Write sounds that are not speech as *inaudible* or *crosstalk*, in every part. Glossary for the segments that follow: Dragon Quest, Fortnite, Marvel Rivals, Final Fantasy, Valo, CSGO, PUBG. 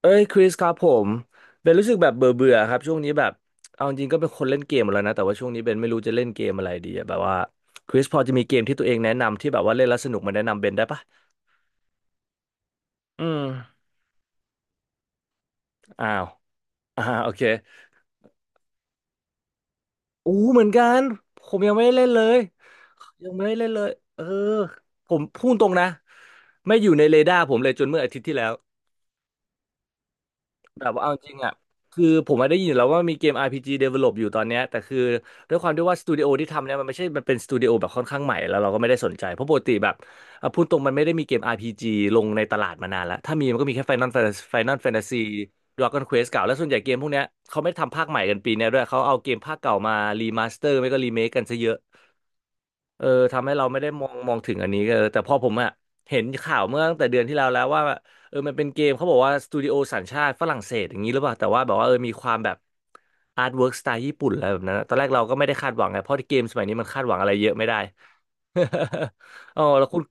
เอ้ยคริสครับผมเบนรู้สึกแบบเบื่อเบื่อครับช่วงนี้แบบเอาจริงก็เป็นคนเล่นเกมหมดแล้วนะแต่ว่าช่วงนี้เบนไม่รู้จะเล่นเกมอะไรดีอะแบบว่าคริสพอจะมีเกมที่ตัวเองแนะนำที่แบบว่าเล่นแล้วสนุกมาแนะนำเบนได้ปะอืมอ้าว *laughs* อ่าโอเคอู้เหมือนกันผมยังไม่ได้เล่นเลยยังไม่ได้เล่นเลยเออผมพูดตรงนะไม่อยู่ในเรดาร์ผมเลยจนเมื่ออาทิตย์ที่แล้ว แบบว่าเอาจริงอ่ะคือผมมาได้ยินอยู่แล้วว่ามีเกม RPG develop อยู่ตอนเนี้ยแต่คือด้วยความที่ว่าสตูดิโอที่ทำเนี่ยมันไม่ใช่มันเป็นสตูดิโอแบบค่อนข้างใหม่แล้วเราก็ไม่ได้สนใจเพราะปกติแบบอ่ะพูดตรงมันไม่ได้มีเกม RPG ลงในตลาดมานานแล้วถ้ามีมันก็มีแค่ Final Fantasy Dragon Quest เก่าแล้วส่วนใหญ่เกมพวกเนี้ยเขาไม่ทำภาคใหม่กันปีเนี้ยด้วยเขาเอาเกมภาคเก่ามารีมาสเตอร์ไม่ก็รีเมคกันซะเยอะ เออทำให้เราไม่ได้มองถึงอันนี้เออแต่พอผมอะเห็นข่าวเมื่อตั้งแต่เดือนที่แล้วแล้วว่าเออมันเป็นเกมเขาบอกว่าสตูดิโอสัญชาติฝรั่งเศสอย่างนี้หรือเปล่าแต่ว่าแบบว่าเออมีความแบบอาร์ตเวิร์กสไตล์ญี่ปุ่นอะไรแบบนั้นอะตอนแรกเราก็ไม่ได้คาดหวังไงเพราะเกมสมัยนี้มันคาดหวังอะไรเยอะไม่ได้ *laughs* อ๋อแล้วคุณ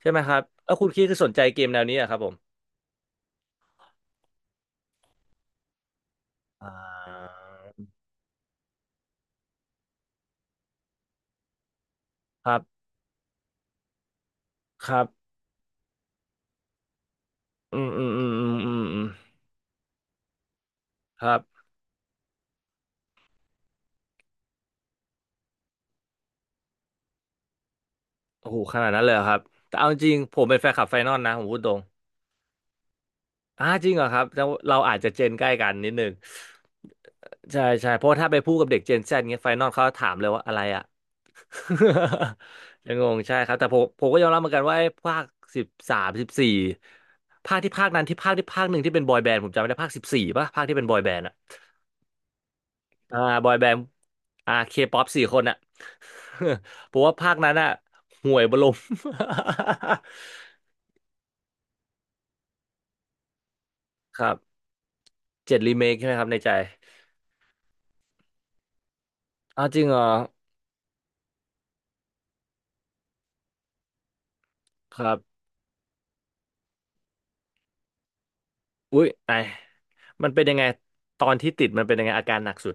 ใช่ไหมครับแล้วคุณคิดคือสนใจเกมแนวนี้อะครับผมอ่าครับครับอืมอืมอืมอืมอืมอืมครับโอ้โหขนาดนั้นเลยเหรอครับแต่เอาจริงๆผมเป็นแฟนคลับไฟนอลนะผมพูดตรง อ่าจริงเหรอครับแต่เราอาจจะเจนใกล้กันนิดนึงใช่ใช่เพราะถ้าไปพูดกับเด็กเจน Z เงี้ยไฟนอลเขาถามเลยว่าอะไรอ่ะ *laughs* ยังงงใช่ครับแต่ผมก็ยอมรับเหมือนกันว่าไอ้ภาคสิบสามสิบสี่ภาคที่ภาคนั้นที่ภาคที่ภาคหนึ่งที่เป็นบอยแบนด์ผมจำไม่ได้ภาคสิบสี่ป่ะภาคที่เป็นบอยแบนด์อ่ะอ่าบอยแบนด์อ่าเคป๊อปสี่คนอ่ะ *laughs* ผมว่าภาคนั้นอ่ะห่วยบลม *laughs* ครับเจ็ดรีเมคใช่ไหมครับในใจอ้าวจริงเหรอครับ อุ้ยไอยมันเป็นยังไงตอนที่ติดมันเป็นยังไงอาการหนักสุด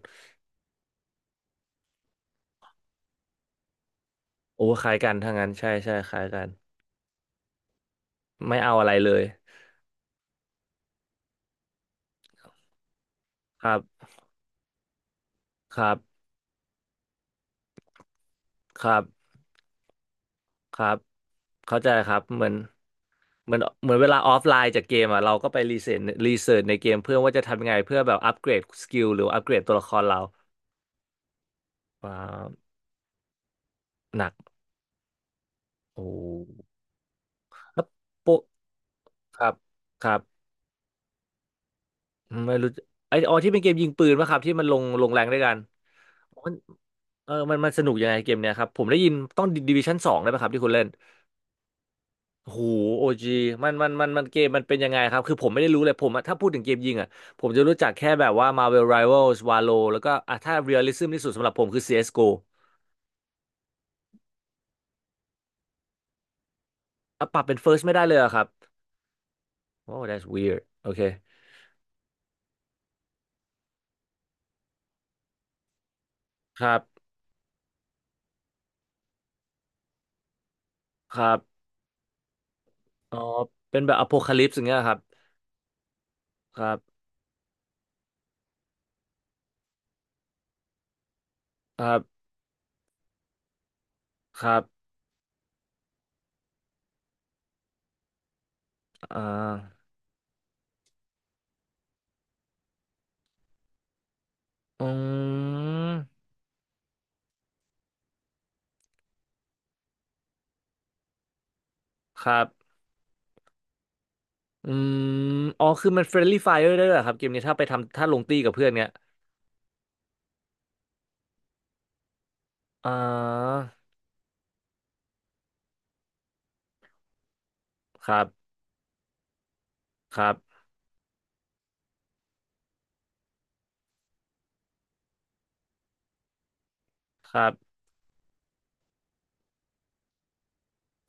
โอ้คล้ายกันถ้างั้นใช่ใช่คล้ายกันไม่เอาอะไรเลยครับครับครับครับเข้าใจครับเหมือนเหมือนเวลาออฟไลน์จากเกมอ่ะเราก็ไปรีเสิร์ชในเกมเพื่อว่าจะทำยังไงเพื่อแบบอัปเกรดสกิลหรืออัปเกรดตัวละครเราว้าวหนักโอ้แล้วโปะครับครับไม่รู้ไออ๋อที่เป็นเกมยิงปืนป่ะครับที่มันลงแรงด้วยกัน มันเออมันมันสนุกยังไงเกมเนี้ยครับผมได้ยินต้องดิวิชั่นสองได้ไหมครับที่คุณเล่นโอ้โหโอจีมันเกมมันเป็นยังไงครับคือผมไม่ได้รู้เลยผมอะถ้าพูดถึงเกมยิงอ่ะผมจะรู้จักแค่แบบว่า Marvel Rivals Valo แล้วก็อ่ะถ้า realism ที่สุดสำหรับผมคือ CSGO อสโกอ่ะปรับเป็น first ไม่ได้เลยเหรอะครับ wow that's weird โอเคครับครับอ๋อเป็นแบบ apocalypse อย่างเงี้ยครับครับครับครับอ่าอืมครับ อืมอ๋อคือมันเฟรนลี่ไฟร์ได้ด้วยเหรอครับเกมนี้ถ้าไปทำถ้าลงตีกับเพื่อนเนี้ยอ่าครับครับครับ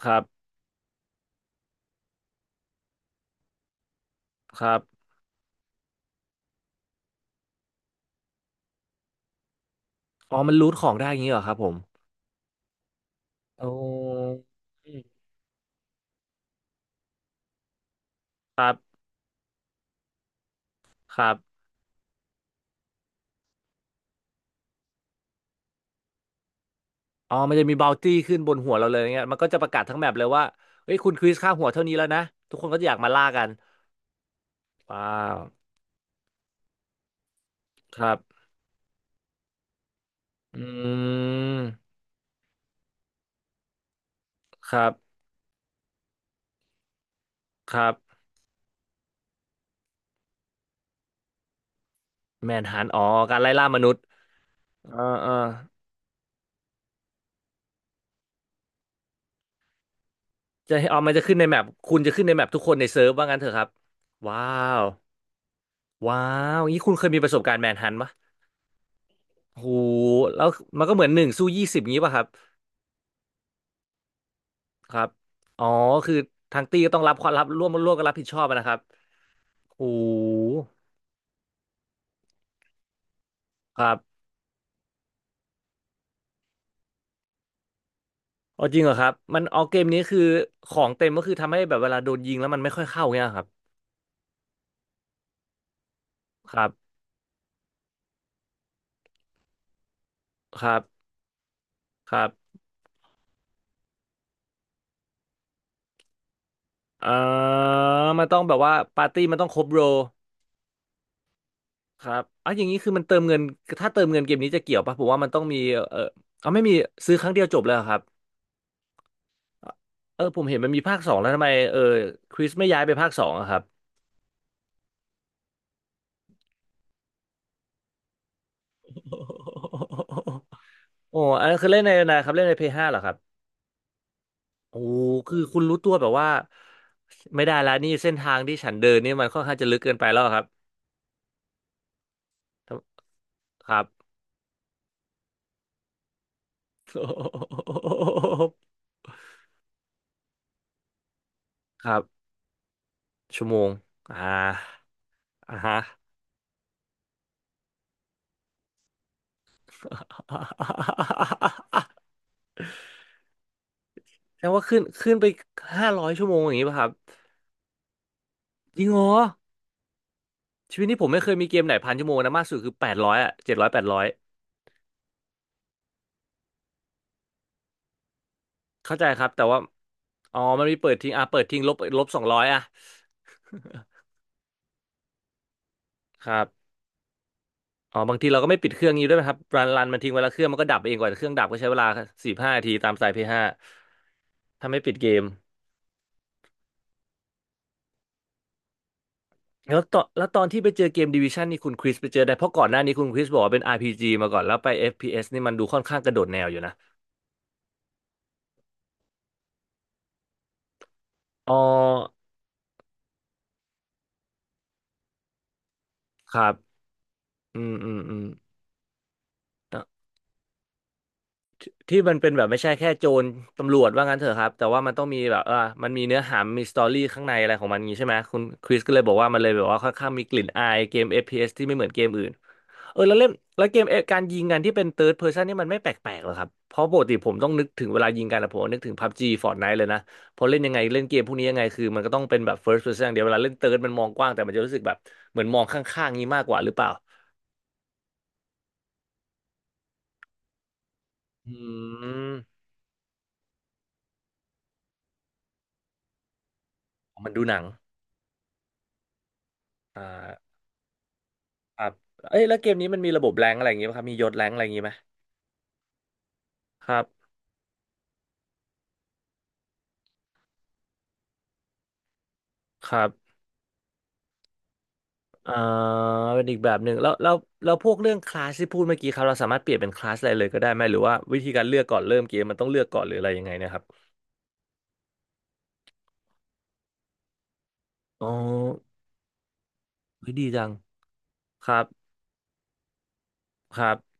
ครับครับอ๋อมันรูทของได้อย่างนี้เหรอครับผมโอ้ครับอ๋อมันจะมีบ o วตี้ขึ้นบนหัวเราเลยเงี้ยมันก็จะประกาศทั้งแมปเลยว่าเฮ้ยคุณคริสค่าหัวเท่านี้แล้วนะทุกคนก็จะอยากมาล่ากันว้าวครับอืมครับครับแมนฮันอ๋อการไล่ล่ามนุษย์เอ่าอ่า จะให้เอามันจะขึ้นในแมปคุณจะขึ้นในแมปทุกคนในเซิร์ฟว่างั้นเถอะครับ ว้าว ว้าวงี้คุณเคยมีประสบการณ์แมนฮันต์ปะโหแล้วมันก็เหมือนหนึ่งสู้ยี่สิบงี้ป่ะครับ ครับ อ๋อ คือทางตีก็ต้องรับความรับร่วมร่วมกันรับผิดชอบอะนะครับโหครับเอาจริงเหรอครับ มันเอาเกมนี้คือของเต็มก็คือทำให้แบบเวลาโดนยิงแล้วมันไม่ค่อยเข้าเงี้ยครับครับครับครับอ่ามันต้องแบบว่าปาร์ตี้มันต้องครบโร ครับอ่ะอย่างนี้คือมันเติมเงินถ้าเติมเงินเกมนี้จะเกี่ยวปะผมว่ามันต้องมีเออเอาไม่มีซื้อครั้งเดียวจบเลยเหรอครับเออผมเห็นมันมีภาคสองแล้วทำไมเออคริสไม่ย้ายไปภาคสองอะครับโอ้ *laughs* อันนั้นคือเล่นในนะครับเล่นในเพย์ห้าเหรอครับโอ้คือคุณรู้ตัวแบบว่าไม่ได้แล้วนี่เส้นทางที่ฉันเดินนี่มันค่อนข้างจะลึกเกินไปแล้วครับครับ *laughs* ครับชั่วโมงอ่าอ่าฮะ *laughs* แสดงว่าขึ้นไป500 ชั่วโมงอย่างนี้ป่ะครับจริงเหรอชีวิตนี้ผมไม่เคยมีเกมไหน1,000 ชั่วโมงนะมากสุดคือแปดร้อยอ่ะ700 800เข้าใจครับแต่ว่าอ๋อมันมีเปิดทิ้งอ่ะเปิดทิ้งลบ200อ่ะครับอ๋อบางทีเราก็ไม่ปิดเครื่องนี้ด้วยไหมครับรันมันทิ้งไว้แล้วเครื่องมันก็ดับเองกว่าเครื่องดับก็ใช้เวลา4-5 นาทีตามสายพีห s าถ้าไม่ปิดเกมแล้วตอนที่ไปเจอเกมดิวิชันนี่คุณคริสไปเจอได้เพราะก่อนหน้านี้คุณคริสบอกว่าเป็น r จีมาก่อนแล้วไปเอ s นี่มันดูค่อนข้างกระโดดแนวอยู่นะอ๋อครับอืมอืมอืม ที่ที่มันเป็นแบบไม่ใช่แค่โจรตำรวจว่างั้นเถอะครับแต่ว่ามันต้องมีแบบเออมันมีเนื้อหามีสตอรี่ข้างในอะไรของมันงี้ใช่ไหมคุณคริสก็เลยบอกว่ามันเลยแบบว่าค่อนข้างมีกลิ่นอายเกม FPS ที่ไม่เหมือนเกมอื่นเออแล้วเล่นแล้วเกมเออการยิงกันที่เป็น third person นี่มันไม่แปลกๆหรอครับเพราะปกติผมต้องนึกถึงเวลายิงกันนะผมนึกถึง PUBG Fortnite เลยนะพอเล่นยังไงเล่นเกมพวกนี้ยังไงคือมันก็ต้องเป็นแบบ first person อย่างเดียวเวลาเล่น third มันมองกว้างแต่มันจะรู้สึกแบบเหมือนมองข้างๆงี้มากกว่าหรือเปล่าอืมมันดูหนังอ่า ครับเอ้ยแล้วเกมนี้มันมีระบบแรงอะไรอย่างงี้ไหมครับมียศแรงอะไรอย่างงี้ไหมครับครับอ่าเป็นอีกแบบหนึ่งแล้วแล้วพวกเรื่องคลาสที่พูดเมื่อกี้ครับเราสามารถเปลี่ยนเป็นคลาสอะไรเลยก็ได้ไหมหรือว่าวิธีการเลือกก่อนเริ่มเกมมันต้องเลือกก่อนหรืออะไรยังไงเนะครับอ๋อเฮ้ยดีจังครับครับ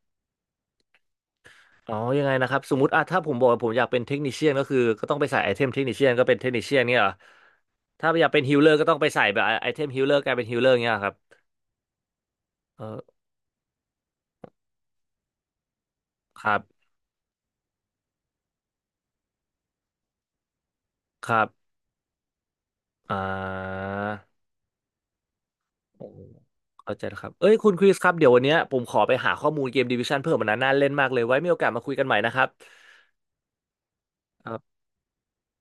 อ๋อยังไงนะครับสมมติอ่ะถ้าผมบอกว่าผมอยากเป็นเทคนิเชียนก็คือก็ต้องไปใส่ไอเทมเทคนิเชียนก็เป็นเทคนิเชียนเนี่ยเหรอถ้าอยากเป็นฮิลเลอร์ก็ต้องไปใส่แบบไอเทมฮิลเลอร์กลายเป็นฮิลเลอร์เนี่ยเหรอครับเออครับครับอ่า โอ้เข้าใจแล้วครับ เอ้ยคุณคริสครับเดี๋ยววันเนี้ยผมขอไปหาข้อมูลเกมดิวิชั่นเพิ่มมันนะน่าเล่นมากเลยไว้มีโอกาสมาคุยกันใหม่นะครับ